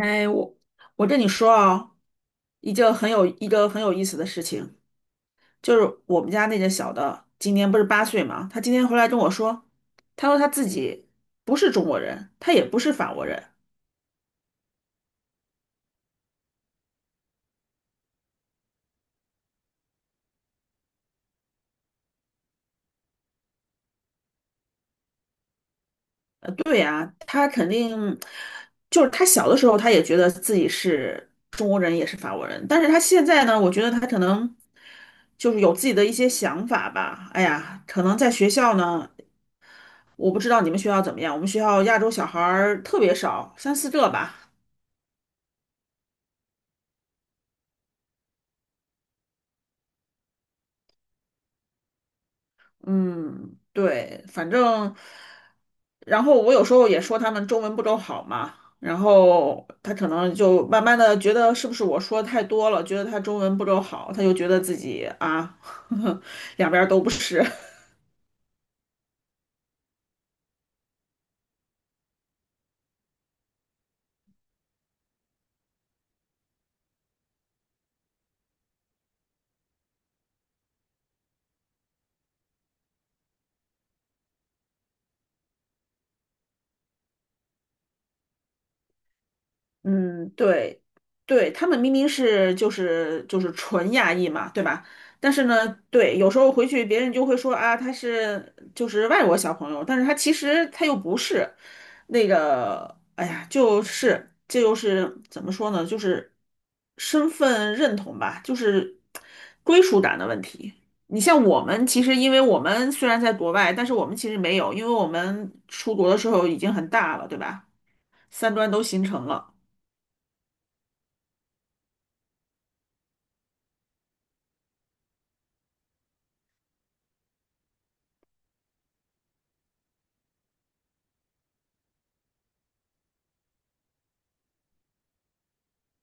哎，我跟你说啊，一个很有意思的事情，就是我们家那个小的，今年不是8岁嘛，他今天回来跟我说，他说他自己不是中国人，他也不是法国人。对呀，他肯定就是他小的时候他也觉得自己是中国人也是法国人，但是他现在呢，我觉得他可能就是有自己的一些想法吧。哎呀，可能在学校呢。我不知道你们学校怎么样，我们学校亚洲小孩儿特别少，三四个吧。嗯，对，反正，然后我有时候也说他们中文不够好嘛，然后他可能就慢慢的觉得是不是我说太多了，觉得他中文不够好，他就觉得自己啊，两边儿都不是。嗯，对。对，他们明明是就是纯亚裔嘛，对吧？但是呢，对，有时候回去别人就会说啊，他是就是外国小朋友，但是他其实他又不是那个，哎呀，就是这就是怎么说呢，就是身份认同吧，就是归属感的问题。你像我们，其实因为我们虽然在国外，但是我们其实没有，因为我们出国的时候已经很大了，对吧？三观都形成了。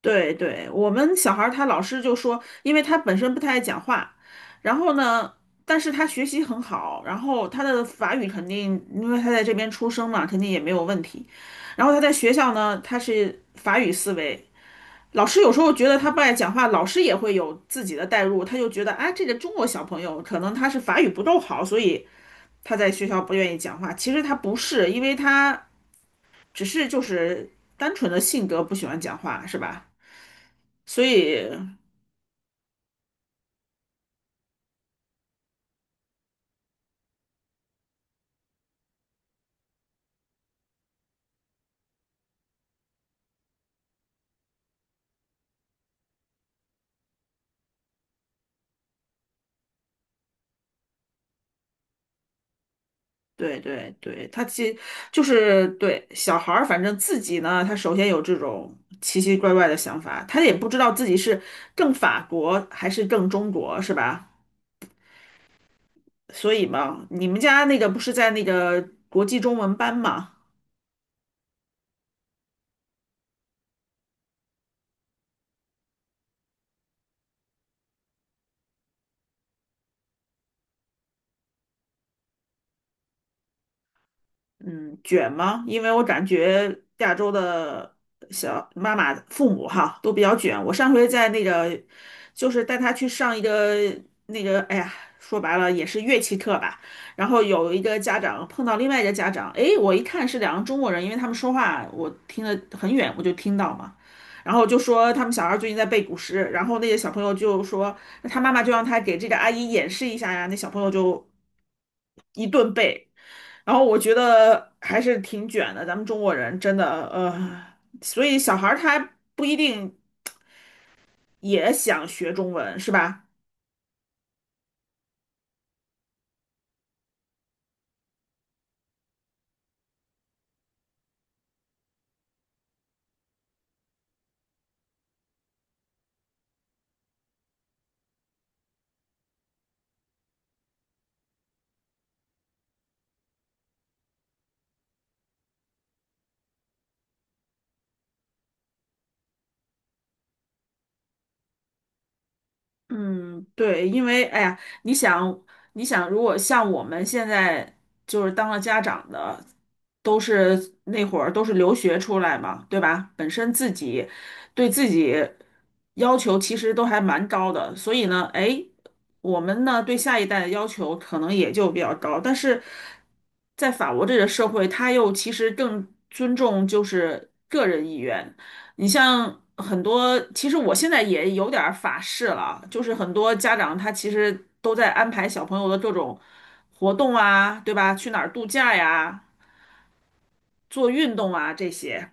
对对，我们小孩儿他老师就说，因为他本身不太爱讲话，然后呢，但是他学习很好，然后他的法语肯定，因为他在这边出生嘛，肯定也没有问题。然后他在学校呢，他是法语思维，老师有时候觉得他不爱讲话，老师也会有自己的代入，他就觉得啊，这个中国小朋友可能他是法语不够好，所以他在学校不愿意讲话。其实他不是，因为他只是就是单纯的性格不喜欢讲话，是吧？所以。对对对，他其实就是对小孩儿，反正自己呢，他首先有这种奇奇怪怪的想法，他也不知道自己是更法国还是更中国，是吧？所以嘛，你们家那个不是在那个国际中文班嘛？嗯，卷吗？因为我感觉亚洲的小妈妈、父母哈都比较卷。我上回在那个，就是带他去上一个那个，哎呀，说白了也是乐器课吧。然后有一个家长碰到另外一个家长，哎，我一看是两个中国人，因为他们说话我听得很远，我就听到嘛。然后就说他们小孩最近在背古诗，然后那个小朋友就说，那他妈妈就让他给这个阿姨演示一下呀。那小朋友就一顿背，然后我觉得还是挺卷的，咱们中国人真的，所以小孩儿他不一定也想学中文，是吧？嗯，对，因为哎呀，你想，你想，如果像我们现在就是当了家长的，都是那会儿都是留学出来嘛，对吧？本身自己对自己要求其实都还蛮高的，所以呢，哎，我们呢对下一代的要求可能也就比较高，但是在法国这个社会，他又其实更尊重就是个人意愿。你像很多，其实我现在也有点儿法式了，就是很多家长他其实都在安排小朋友的各种活动啊，对吧？去哪儿度假呀，做运动啊这些。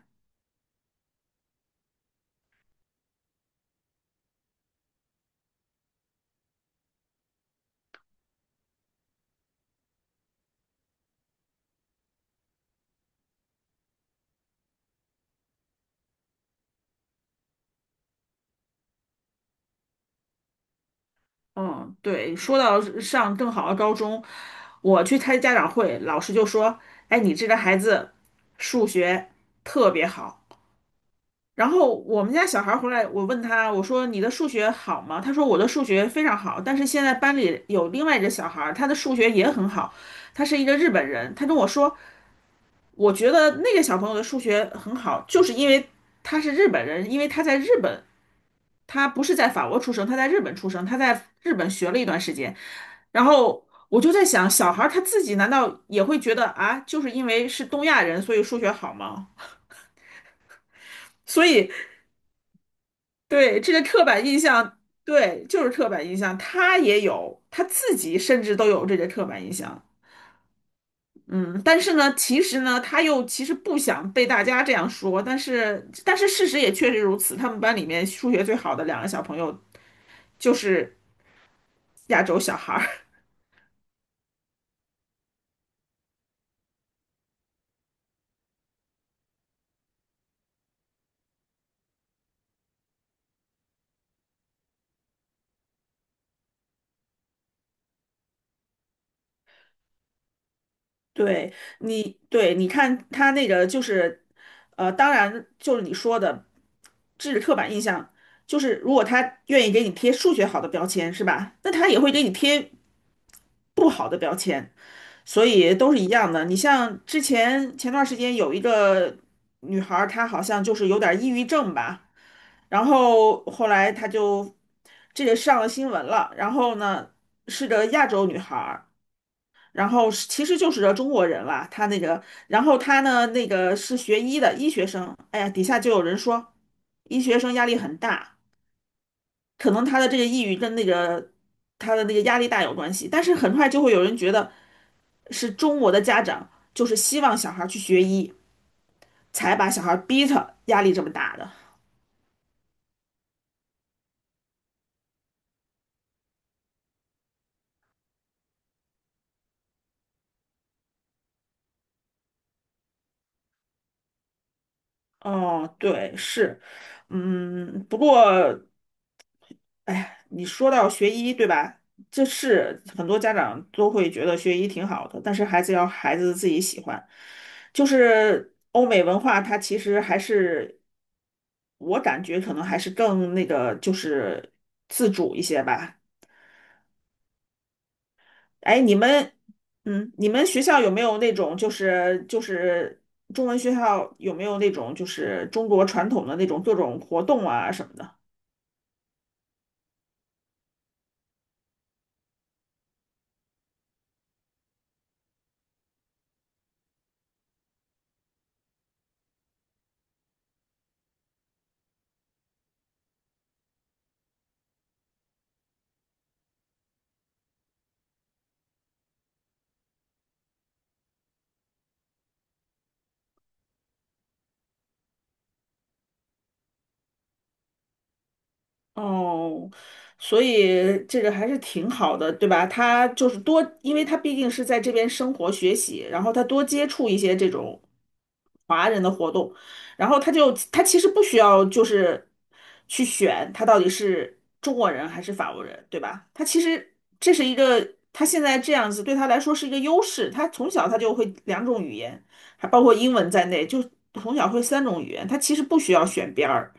嗯，对，说到上更好的高中，我去开家长会，老师就说：“哎，你这个孩子数学特别好。”然后我们家小孩儿回来，我问他，我说你的数学好吗？他说我的数学非常好，但是现在班里有另外一个小孩儿，他的数学也很好，他是一个日本人。他跟我说，我觉得那个小朋友的数学很好，就是因为他是日本人，因为他在日本，他不是在法国出生，他在日本出生，他在日本学了一段时间。然后我就在想，小孩儿他自己难道也会觉得啊，就是因为是东亚人，所以数学好吗？所以。对，这个刻板印象。对，就是刻板印象，他也有，他自己甚至都有这个刻板印象。嗯，但是呢，其实呢，他又其实不想被大家这样说，但是事实也确实如此，他们班里面数学最好的两个小朋友就是亚洲小孩儿。对对你看他那个就是，当然就是你说的，这是刻板印象，就是如果他愿意给你贴数学好的标签，是吧？那他也会给你贴不好的标签，所以都是一样的。你像之前前段时间有一个女孩儿，她好像就是有点儿抑郁症吧，然后后来她就这个上了新闻了，然后呢是个亚洲女孩，然后是其实就是中国人啦。他那个，然后他呢那个是学医的医学生。哎呀，底下就有人说医学生压力很大，可能他的这个抑郁跟那个他的那个压力大有关系，但是很快就会有人觉得是中国的家长就是希望小孩儿去学医，才把小孩儿逼他压力这么大的。哦，对，是，嗯，不过。哎呀，你说到学医，对吧？这是很多家长都会觉得学医挺好的，但是孩子要孩子自己喜欢。就是欧美文化，它其实还是我感觉可能还是更那个，就是自主一些吧。哎，你们，嗯，你们学校有没有那种就是中文学校有没有那种就是中国传统的那种各种活动啊什么的？哦，所以这个还是挺好的，对吧？他就是多，因为他毕竟是在这边生活学习，然后他多接触一些这种华人的活动，然后他就他其实不需要就是去选他到底是中国人还是法国人，对吧？他其实这是一个他现在这样子对他来说是一个优势，他从小他就会两种语言，还包括英文在内，就从小会三种语言，他其实不需要选边儿。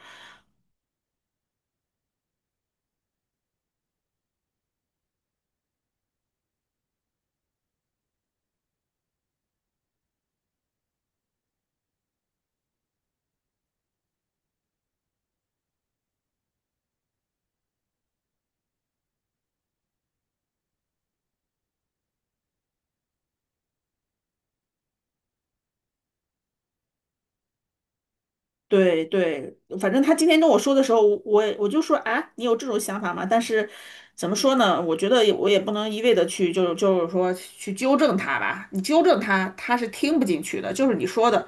对对，反正他今天跟我说的时候，我就说啊，你有这种想法吗？但是怎么说呢？我觉得也我也不能一味的去，就是说去纠正他吧。你纠正他，他是听不进去的。就是你说的，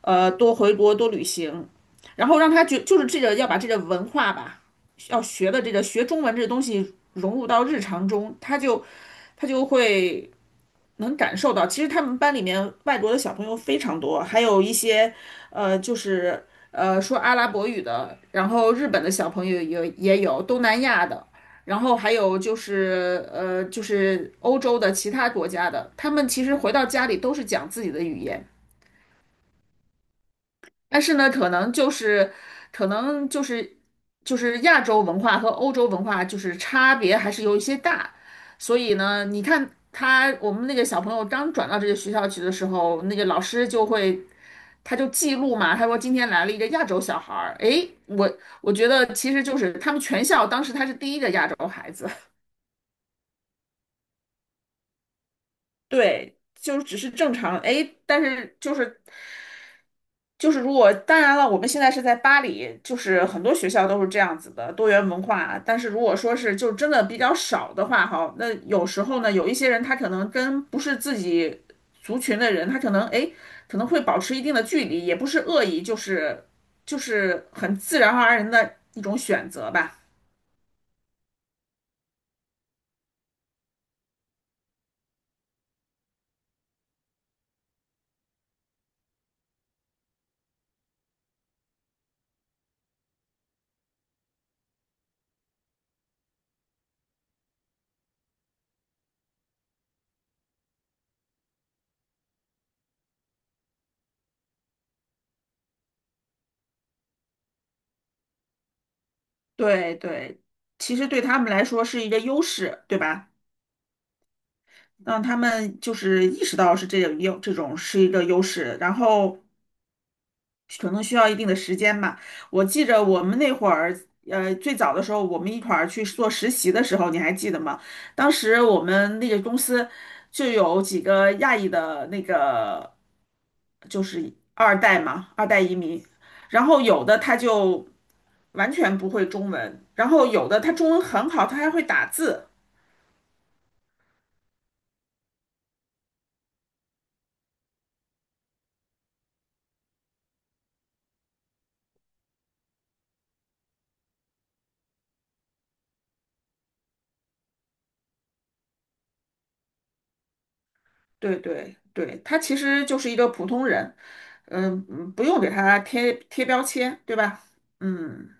多回国多旅行，然后让他就就是这个要把这个文化吧，要学的这个学中文这个东西融入到日常中，他就会。能感受到，其实他们班里面外国的小朋友非常多，还有一些，就是说阿拉伯语的，然后日本的小朋友也有，东南亚的，然后还有就是就是欧洲的其他国家的，他们其实回到家里都是讲自己的语言。但是呢，可能就是就是亚洲文化和欧洲文化就是差别还是有一些大，所以呢，你看他我们那个小朋友刚转到这个学校去的时候，那个老师就会。他就记录嘛，他说今天来了一个亚洲小孩儿，诶，我觉得其实就是他们全校当时他是第一个亚洲孩子，对，就只是正常，诶，但是就是如果当然了，我们现在是在巴黎，就是很多学校都是这样子的多元文化。但是如果说是就真的比较少的话，哈，那有时候呢，有一些人他可能跟不是自己族群的人，他可能诶会保持一定的距离，也不是恶意，就是很自然而然的一种选择吧。对对，其实对他们来说是一个优势，对吧？让他们就是意识到是这个有这种是一个优势，然后。可能需要一定的时间吧。我记着我们那会儿，最早的时候，我们一块儿去做实习的时候，你还记得吗？当时我们那个公司就有几个亚裔的那个，就是二代嘛，二代移民，然后有的他就完全不会中文，然后有的他中文很好，他还会打字。对对对，他其实就是一个普通人，嗯嗯，不用给他贴标签，对吧？嗯。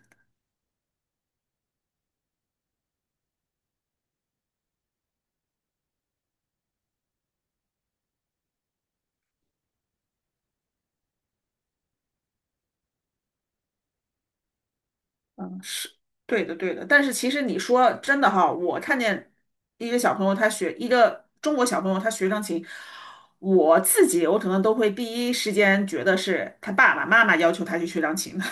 嗯，是对的，对的。但是其实你说真的哈，我看见一个中国小朋友他学钢琴，我自己可能都会第一时间觉得是他爸爸妈妈要求他去学钢琴，的。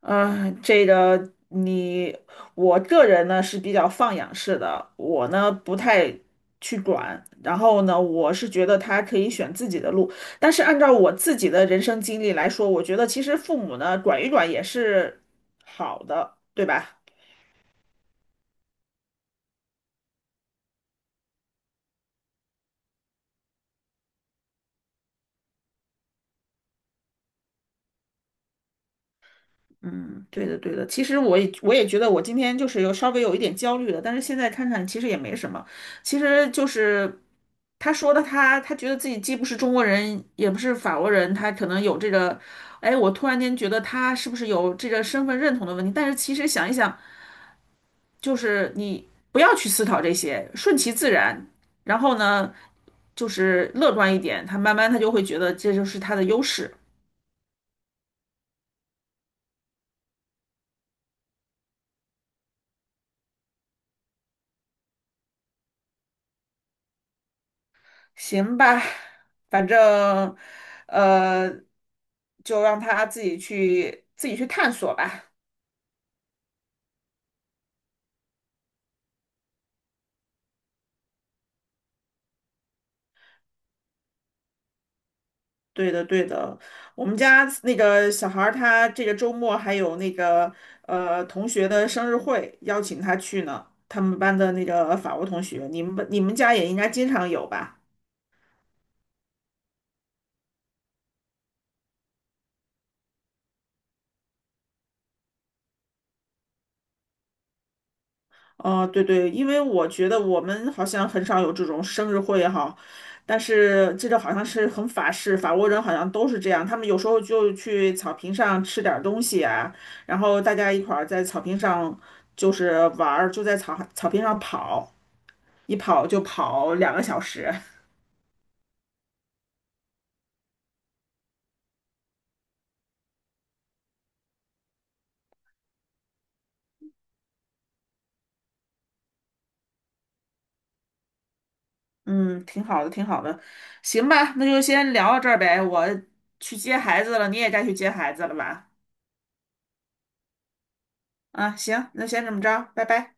嗯，这个你，我个人呢是比较放养式的，我呢不太去管。然后呢，我是觉得他可以选自己的路，但是按照我自己的人生经历来说，我觉得其实父母呢管一管也是好的，对吧？嗯，对的，对的。其实我也觉得我今天就是有稍微有一点焦虑了，但是现在看看其实也没什么。其实就是他说的他，他觉得自己既不是中国人，也不是法国人，他可能有这个，哎，我突然间觉得他是不是有这个身份认同的问题？但是其实想一想，就是你不要去思考这些，顺其自然，然后呢，就是乐观一点，他慢慢他就会觉得这就是他的优势。行吧，反正，呃，就让他自己去探索吧。对的，对的。我们家那个小孩儿，他这个周末还有那个同学的生日会，邀请他去呢。他们班的那个法国同学，你们家也应该经常有吧？哦，对对，因为我觉得我们好像很少有这种生日会哈，但是这个好像是很法式，法国人好像都是这样，他们有时候就去草坪上吃点儿东西啊，然后大家一块儿在草坪上就是玩儿，就在草坪上跑，一跑就跑2个小时，嗯，挺好的，挺好的，行吧，那就先聊到这儿呗，我去接孩子了，你也该去接孩子了吧？啊，行，那先这么着，拜拜。